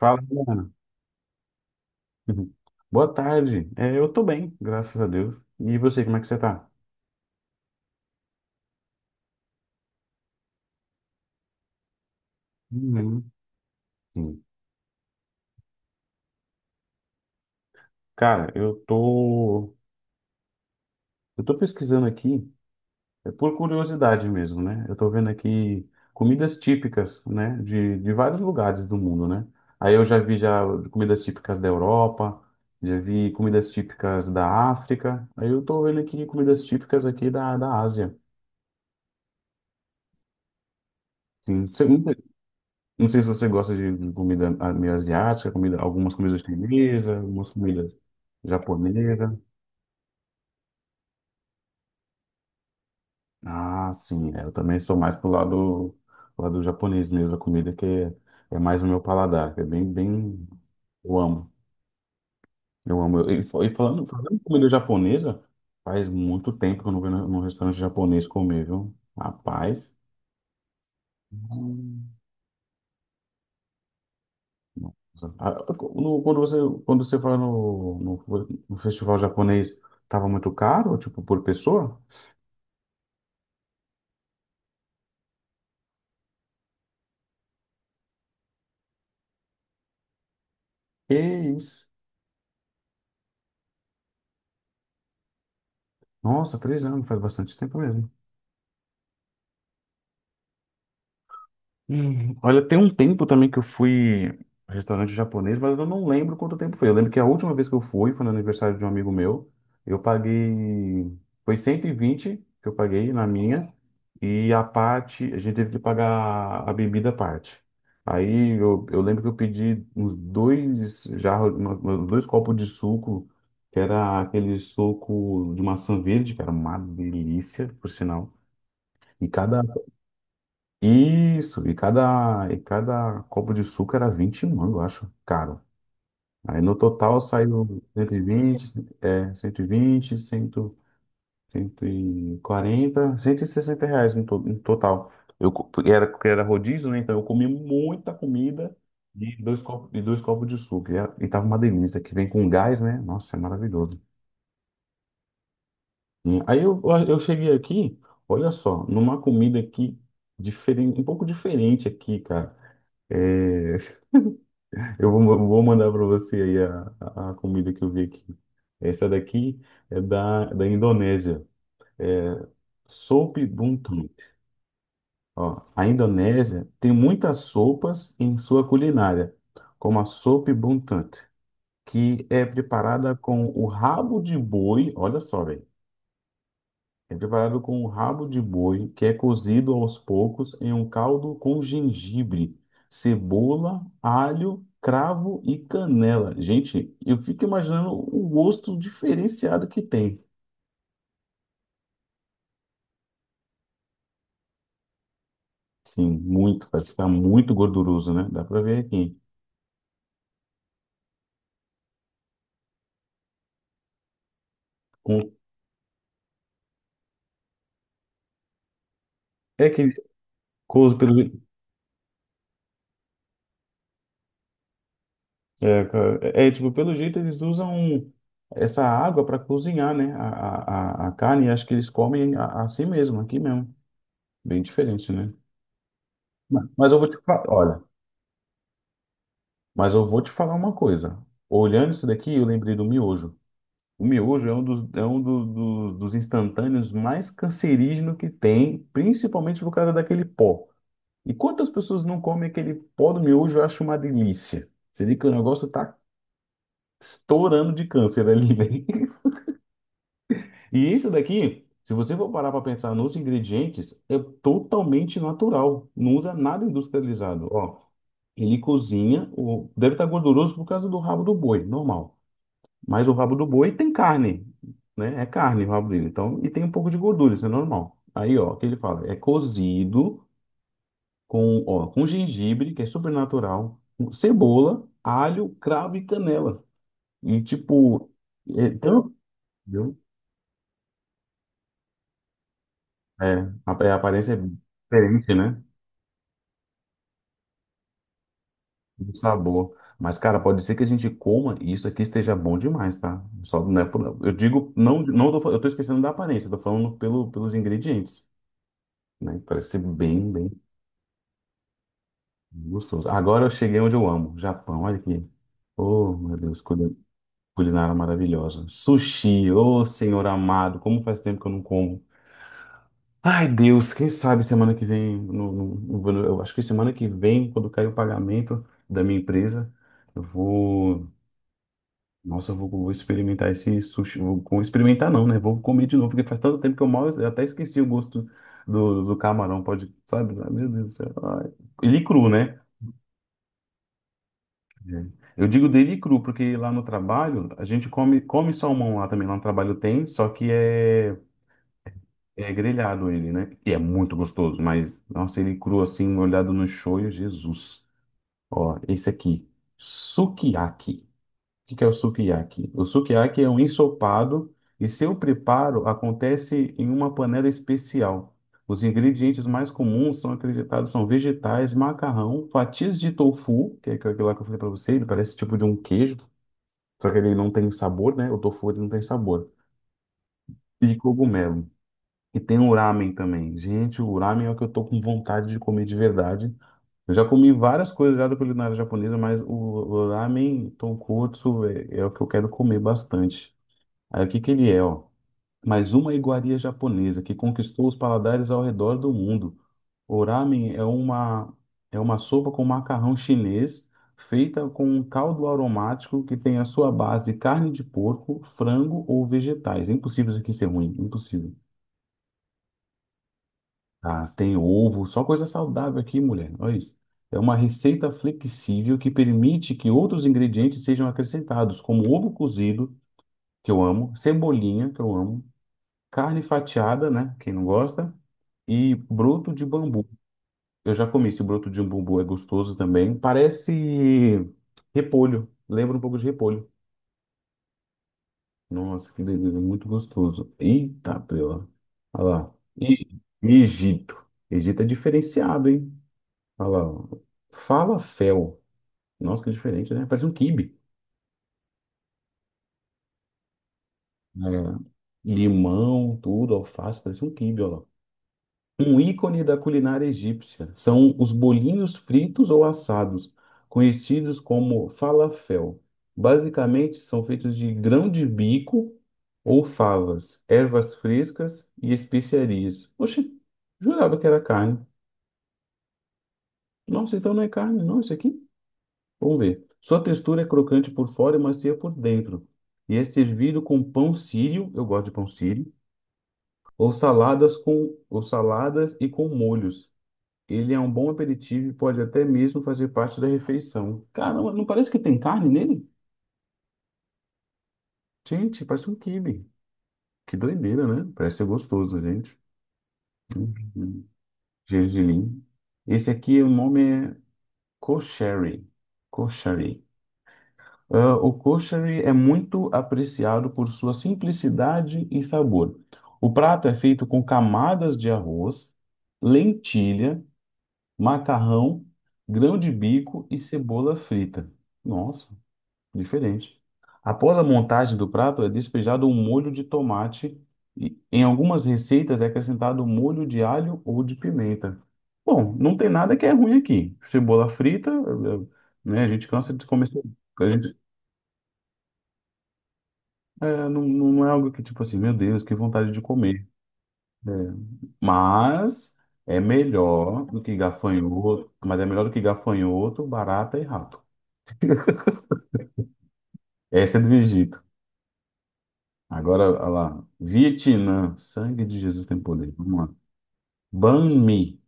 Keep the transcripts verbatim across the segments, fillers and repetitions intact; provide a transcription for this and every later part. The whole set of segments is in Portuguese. Fala, Juliana. Uhum. Boa tarde. É, eu tô bem, graças a Deus. E você, como é que você tá? Uhum. Sim. Cara, eu tô, eu tô pesquisando aqui, é por curiosidade mesmo, né? Eu tô vendo aqui comidas típicas, né, de, de vários lugares do mundo, né? Aí eu já vi já comidas típicas da Europa, já vi comidas típicas da África. Aí eu tô vendo aqui comidas típicas aqui da, da Ásia. Sim. Você- Não sei se você gosta de de comida a- meio asiática, comida, algumas comidas chinesas, algumas comidas japonesas. Ah, sim, é, eu também sou mais pro lado, pro lado japonês mesmo, a comida que é, é mais o meu paladar, que é bem, bem, eu amo, eu amo. E, fa- e falando, falando em comida japonesa, faz muito tempo que eu não vou num restaurante japonês comer, viu? Rapaz. Ah, no- Quando você, quando você foi no, no, no festival japonês, tava muito caro, tipo, por pessoa? Que isso? Nossa, três anos, faz bastante tempo mesmo. Hum, Olha, tem um tempo também que eu fui a restaurante japonês, mas eu não lembro quanto tempo foi. Eu lembro que a última vez que eu fui foi no aniversário de um amigo meu. Eu paguei. Foi cento e vinte que eu paguei na minha. E a parte. A gente teve que pagar a bebida à parte. Aí eu, eu lembro que eu pedi uns dois jarros, uma- uma- dois copos de suco, que era aquele suco de maçã verde, que era uma delícia, por sinal. E cada isso, e cada, e cada copo de suco era vinte mango, eu acho, caro. Aí no total saiu cento e vinte, é, cento e vinte, cem, cento e quarenta, cento e sessenta reais no, to- no total. Eu, co- porque era, porque era rodízio, né? Então eu comi muita comida e dois copos, e dois copos de suco. E, era- e tava uma delícia, que vem com gás, né? Nossa, é maravilhoso. E aí eu, eu cheguei aqui, olha só, numa comida aqui, diferente, um pouco diferente aqui, cara. É, eu vou, vou mandar para você aí a, a comida que eu vi aqui. Essa daqui é da, da Indonésia. Soup Buntut. Ó, a Indonésia tem muitas sopas em sua culinária, como a Soup Buntut, que é preparada com o rabo de boi, olha só, velho. É preparado com um rabo de boi, que é cozido aos poucos em um caldo com gengibre, cebola, alho, cravo e canela. Gente, eu fico imaginando o gosto diferenciado que tem. Sim, muito, parece que tá muito gorduroso, né? Dá pra ver aqui. Com- é que cozo pelo je- é, ca- é, tipo, pelo jeito eles usam essa água para cozinhar, né? A, a, a a carne, acho que eles comem a- assim mesmo, aqui mesmo. Bem diferente, né? Mas mas eu vou te falar, olha. Mas eu vou te falar uma coisa. Olhando isso daqui, eu lembrei do miojo. O miojo é um dos, é um do- do- dos instantâneos mais cancerígeno que tem, principalmente por causa daquele pó. E quantas pessoas não comem aquele pó do miojo, eu acho uma delícia. Você vê que o negócio tá estourando de câncer ali, velho. E isso daqui, se você for parar para pensar nos ingredientes, é totalmente natural. Não usa nada industrializado. Ó, ele cozinha, o deve estar gorduroso por causa do rabo do boi, normal. Mas o rabo do boi tem carne, né? É carne o rabo dele. Então, e tem um pouco de gordura, isso é normal. Aí, ó, o que ele fala? É cozido com, ó, com gengibre, que é super natural, com cebola, alho, cravo e canela. E tipo, é, então, entendeu? É, a, é, a aparência é diferente, né? Do sabor. Mas, cara, pode ser que a gente coma e isso aqui esteja bom demais, tá? Só, né, por- eu digo, não, não tô, fa- eu tô esquecendo da aparência, tô falando pelo, pelos ingredientes, né? Parece ser bem, bem. Gostoso. Agora eu cheguei onde eu amo, Japão. Olha aqui. Oh, meu Deus, culi- culinária maravilhosa. Sushi, oh, senhor amado, como faz tempo que eu não como. Ai, Deus, quem sabe semana que vem, no, no- no- eu acho que semana que vem, quando cair o pagamento da minha empresa, eu vou, nossa, eu vou, vou experimentar esse sushi. Vou, com- experimentar não, né? Vou comer de novo, porque faz tanto tempo que eu mal, eu até esqueci o gosto do, do camarão, pode, sabe? Ai, meu Deus do céu. Ai. Ele cru, né? É. Eu digo dele cru, porque lá no trabalho a gente come, come salmão lá também. Lá no trabalho tem, só que é, é grelhado ele, né? E é muito gostoso, mas nossa, ele cru assim, olhado no shoyu, Jesus. Ó, esse aqui, sukiyaki. O que que é o sukiyaki? O sukiyaki é um ensopado e seu preparo acontece em uma panela especial. Os ingredientes mais comuns são acreditados são vegetais, macarrão, fatias de tofu, que é aquilo lá que eu falei para você, ele parece tipo de um queijo só que ele não tem sabor, né? O tofu ele não tem sabor. E cogumelo. E tem o ramen também. Gente, o ramen é o que eu tô com vontade de comer de verdade. Eu já comi várias coisas já da culinária japonesa, mas o, o ramen tonkotsu é, é o que eu quero comer bastante. Aí o que que ele é, ó? Mais uma iguaria japonesa que conquistou os paladares ao redor do mundo. O ramen é uma, é uma sopa com macarrão chinês feita com um caldo aromático que tem a sua base de carne de porco, frango ou vegetais. É impossível isso aqui ser ruim, impossível. Ah, tem ovo, só coisa saudável aqui, mulher. Olha isso. É uma receita flexível que permite que outros ingredientes sejam acrescentados, como ovo cozido, que eu amo, cebolinha, que eu amo, carne fatiada, né? Quem não gosta, e broto de bambu. Eu já comi esse broto de umbu, é gostoso também. Parece repolho, lembra um pouco de repolho. Nossa, que delícia, é muito gostoso. Eita, prela. Olha lá. E Egito. Egito é diferenciado, hein? Olha lá. Ó. Falafel. Nossa, que diferente, né? Parece um quibe. É. Limão, tudo, alface, parece um quibe, ó. Um ícone da culinária egípcia são os bolinhos fritos ou assados, conhecidos como falafel. Basicamente, são feitos de grão de bico ou favas, ervas frescas e especiarias. Oxe, jurava que era carne. Nossa, então não é carne, não, isso aqui? Vamos ver. Sua textura é crocante por fora e macia por dentro. E é servido com pão sírio, eu gosto de pão sírio, ou saladas com ou saladas e com molhos. Ele é um bom aperitivo e pode até mesmo fazer parte da refeição. Caramba, não parece que tem carne nele? Gente, parece um quibe. Que doideira, né? Parece ser gostoso, gente. Gergelim. Esse aqui, o nome é kosheri. Kosheri. Ah, o kosheri é muito apreciado por sua simplicidade e sabor. O prato é feito com camadas de arroz, lentilha, macarrão, grão de bico e cebola frita. Nossa. Diferente. Após a montagem do prato, é despejado um molho de tomate e em algumas receitas é acrescentado molho de alho ou de pimenta. Bom, não tem nada que é ruim aqui. Cebola frita, eh, né? A gente cansa de comer. ce- A gente, é, não, não é algo que, tipo assim, meu Deus, que vontade de comer. Né? Mas é melhor do que gafanhoto, mas é melhor do que gafanhoto, barata e rato. Essa é do Egito. Agora, olha lá. Vietnã, sangue de Jesus tem poder. Vamos lá. Banh mi,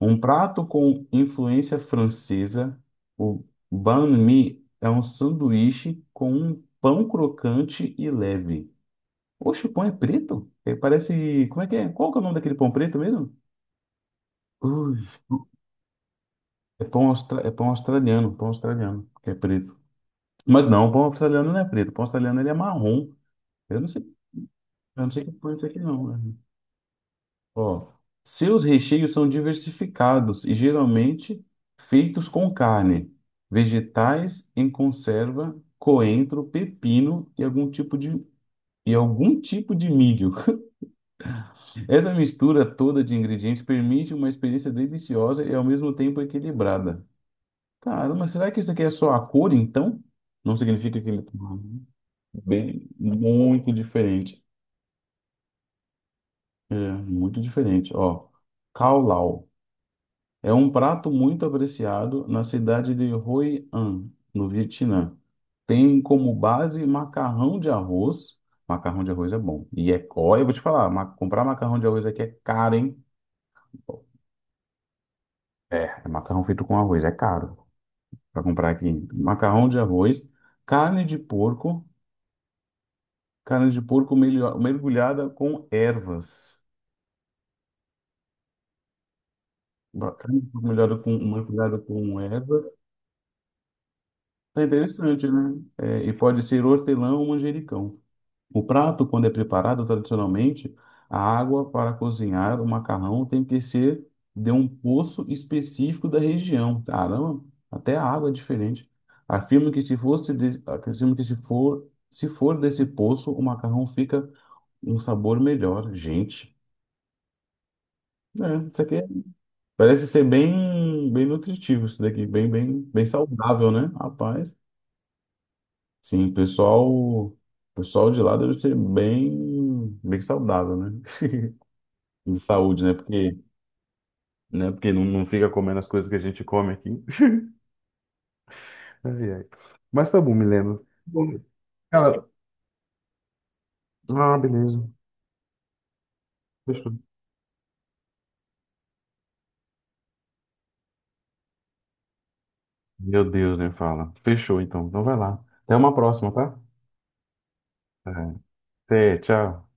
um prato com influência francesa. O banh mi é um sanduíche com um pão crocante e leve. Oxe, o pão é preto? É, parece. Como é que é? Qual que é o nome daquele pão preto mesmo? Ui, é pão, austra... é pão australiano, pão australiano, que é preto. Mas não, o pão australiano não é preto. O pão australiano ele é marrom. Eu não sei, eu não sei que pão é esse aqui, não. Né? Ó, seus recheios são diversificados e geralmente feitos com carne, vegetais em conserva, coentro, pepino e algum tipo de, e algum tipo de milho. Essa mistura toda de ingredientes permite uma experiência deliciosa e ao mesmo tempo equilibrada. Cara, mas será que isso aqui é só a cor, então? Não significa que ele tá. Bem, muito diferente. É, muito diferente. Ó, Cao é um prato muito apreciado na cidade de Hoi An, no Vietnã. Tem como base macarrão de arroz. Macarrão de arroz é bom. E é, ó, eu vou te falar, ma- comprar macarrão de arroz aqui é caro, hein? É, é macarrão feito com arroz, é caro para comprar aqui. Macarrão de arroz, carne de porco, carne de porco melho- mergulhada com ervas. Ba- Carne de porco melhorada com, mergulhada com ervas. É interessante, né? É, e pode ser hortelã ou manjericão. O prato, quando é preparado tradicionalmente, a água para cozinhar o macarrão tem que ser de um poço específico da região. Caramba, até a água é diferente. Afirmo que se fosse, de- afirmo que se for, se for desse poço, o macarrão fica um sabor melhor. Gente, é, isso aqui é- parece ser bem, bem nutritivo, isso daqui, bem, bem, bem saudável, né? Rapaz, sim, o pessoal, o pessoal de lá deve ser bem, bem saudável, né? De saúde, né? Porque, né? Porque não, não fica comendo as coisas que a gente come aqui. Ai, ai. Mas tá bom, Milena. Bom, cara, ah, beleza. Fechou. Meu Deus, nem fala. Fechou, então. Então vai lá. Até uma próxima, tá? É. Até, tchau.